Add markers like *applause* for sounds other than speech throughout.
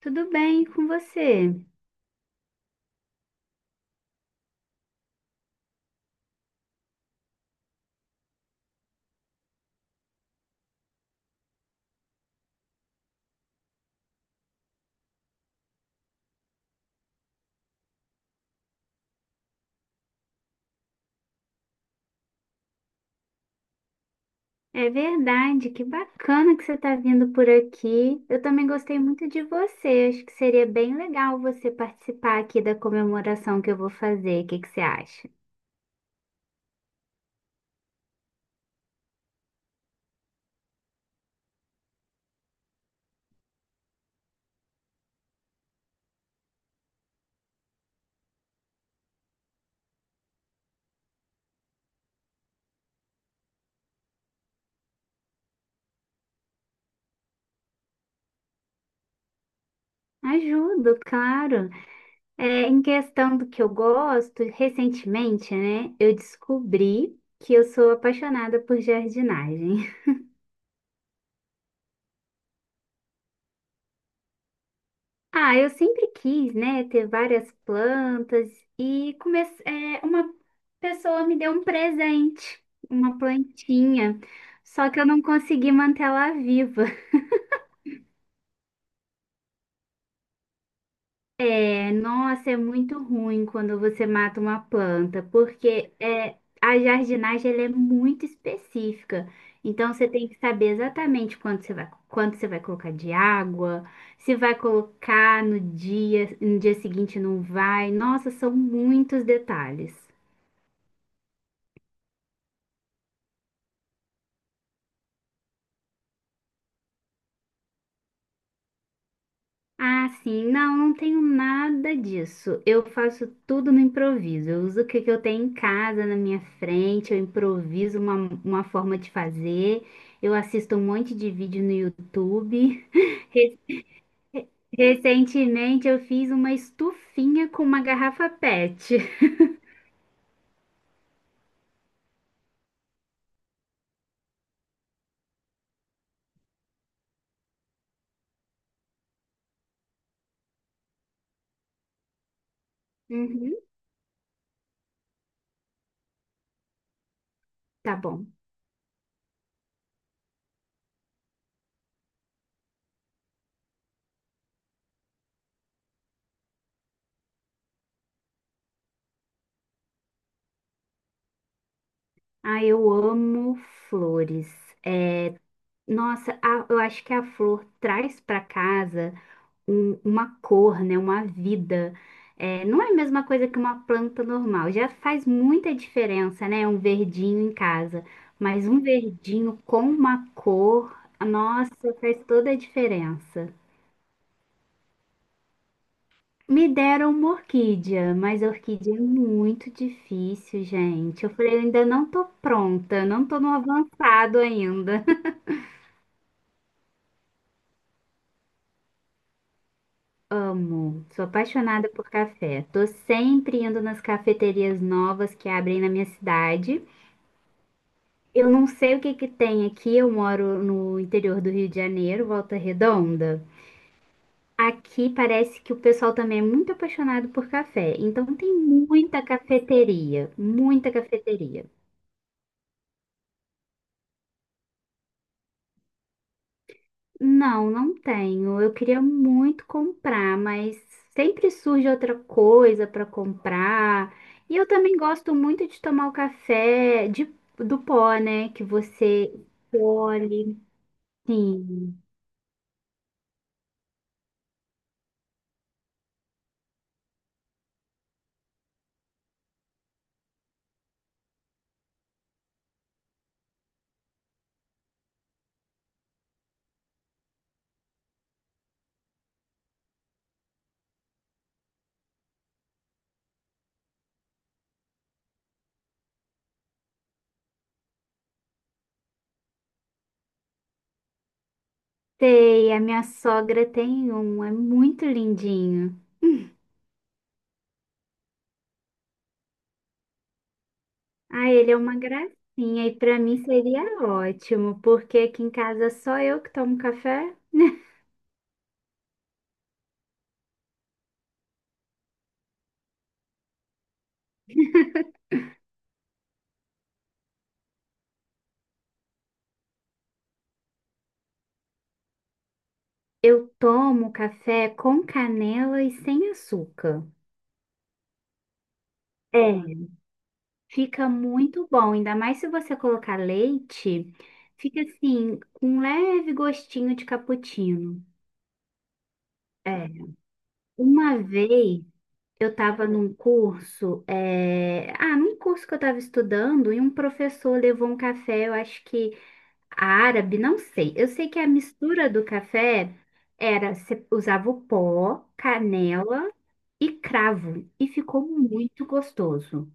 Tudo bem com você? É verdade, que bacana que você está vindo por aqui. Eu também gostei muito de você. Acho que seria bem legal você participar aqui da comemoração que eu vou fazer. O que que você acha? Ajudo, claro. Em questão do que eu gosto, recentemente, né, eu descobri que eu sou apaixonada por jardinagem. Ah, eu sempre quis, né, ter várias plantas uma pessoa me deu um presente, uma plantinha, só que eu não consegui manter ela viva. Nossa, é muito ruim quando você mata uma planta, a jardinagem ela é muito específica. Então você tem que saber exatamente quanto você vai colocar de água, se vai colocar no dia, no dia seguinte não vai. Nossa, são muitos detalhes. Ah, sim, não, não tenho nada disso. Eu faço tudo no improviso. Eu uso o que que eu tenho em casa, na minha frente, uma forma de fazer. Eu assisto um monte de vídeo no YouTube. *laughs* Re- Recentemente eu fiz uma estufinha com uma garrafa PET. Uhum, tá bom. Ah, eu amo flores. É, eu acho que a flor traz para casa uma cor, né, uma vida. É, não é a mesma coisa que uma planta normal. Já faz muita diferença, né, um verdinho em casa. Mas um verdinho com uma cor, nossa, faz toda a diferença. Me deram uma orquídea, mas a orquídea é muito difícil, gente. Eu falei, eu ainda não tô pronta, não tô no avançado ainda. *laughs* Amo, sou apaixonada por café. Tô sempre indo nas cafeterias novas que abrem na minha cidade. Eu não sei o que que tem aqui. Eu moro no interior do Rio de Janeiro, Volta Redonda. Aqui parece que o pessoal também é muito apaixonado por café. Então tem muita cafeteria, muita cafeteria. Não, não tenho. Eu queria muito comprar, mas sempre surge outra coisa para comprar. E eu também gosto muito de tomar do pó, né? Que você colhe. Sim. Sei, a minha sogra tem um, é muito lindinho. Ah, ele é uma gracinha e para mim seria ótimo, porque aqui em casa só eu que tomo café. *laughs* Eu tomo café com canela e sem açúcar. É, fica muito bom, ainda mais se você colocar leite, fica assim, com um leve gostinho de cappuccino. É. Uma vez eu estava num curso que eu estava estudando, e um professor levou um café, eu acho que árabe, não sei. Eu sei que a mistura do café era, você usava o pó, canela e cravo, e ficou muito gostoso.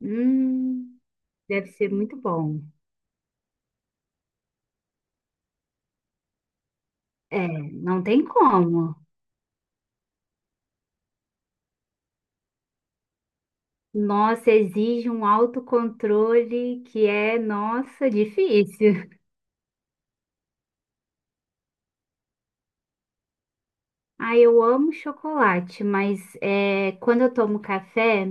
Hum, deve ser muito bom. É, não tem como. Nossa, exige um autocontrole que é, nossa, difícil. Ah, eu amo chocolate, quando eu tomo café,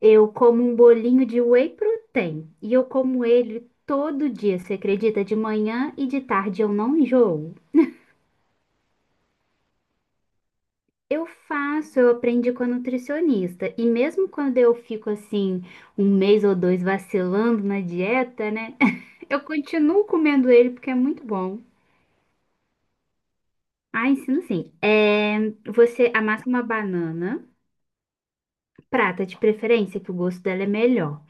eu como um bolinho de whey protein. E eu como ele todo dia, você acredita? De manhã e de tarde eu não enjoo. Eu faço, eu aprendi com a nutricionista. E mesmo quando eu fico assim, um mês ou dois vacilando na dieta, né? *laughs* Eu continuo comendo ele porque é muito bom. Ah, ensino sim. É, você amassa uma banana, prata de preferência, que o gosto dela é melhor.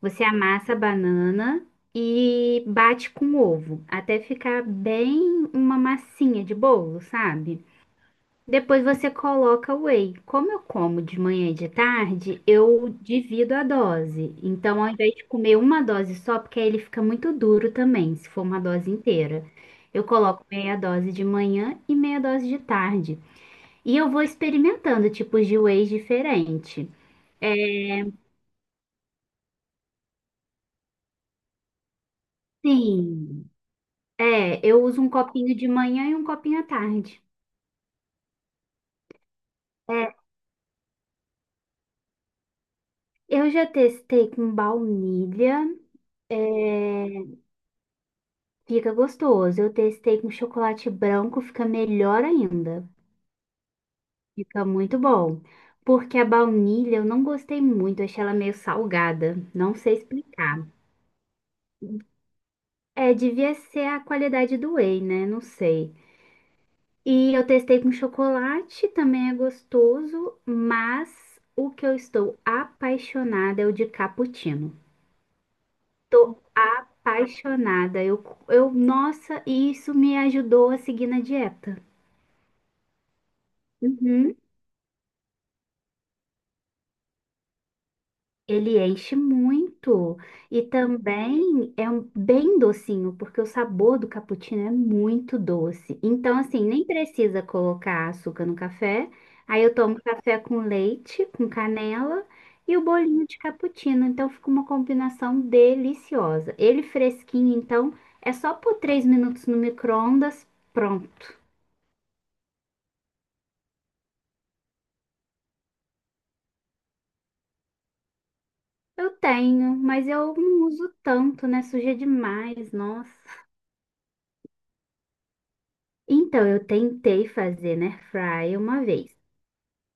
Você amassa a banana e bate com ovo, até ficar bem uma massinha de bolo, sabe? Depois você coloca o whey. Como eu como de manhã e de tarde, eu divido a dose. Então, ao invés de comer uma dose só, porque aí ele fica muito duro também, se for uma dose inteira. Eu coloco meia dose de manhã e meia dose de tarde. E eu vou experimentando tipos de whey diferente. Sim. É, eu uso um copinho de manhã e um copinho à tarde. É, eu já testei com baunilha, é, fica gostoso. Eu testei com chocolate branco, fica melhor ainda. Fica muito bom. Porque a baunilha eu não gostei muito, achei ela meio salgada. Não sei explicar. É, devia ser a qualidade do whey, né? Não sei. E eu testei com chocolate, também é gostoso, mas o que eu estou apaixonada é o de cappuccino. Tô apaixonada. Nossa, e isso me ajudou a seguir na dieta. Uhum. Ele enche muito e também é bem docinho, porque o sabor do cappuccino é muito doce. Então, assim, nem precisa colocar açúcar no café. Aí eu tomo café com leite, com canela e o bolinho de cappuccino. Então, fica uma combinação deliciosa. Ele fresquinho, então, é só por 3 minutos no micro-ondas, pronto. Eu tenho, mas eu não uso tanto, né? Suja demais, nossa. Então, eu tentei fazer, né, fry uma vez.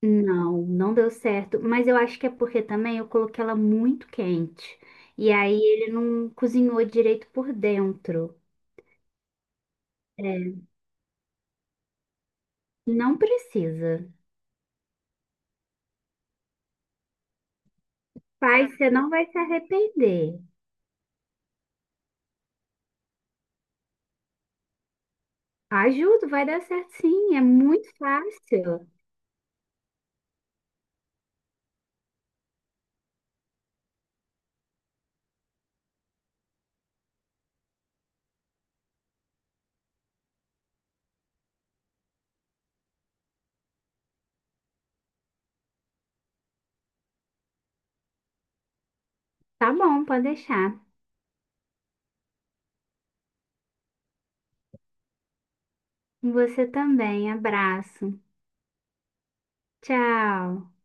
Não, não deu certo, mas eu acho que é porque também eu coloquei ela muito quente. E aí ele não cozinhou direito por dentro. É, não precisa. Pai, você não vai se arrepender. Ajuda, vai dar certo sim, é muito fácil. Tá bom, pode deixar. Você também, abraço. Tchau.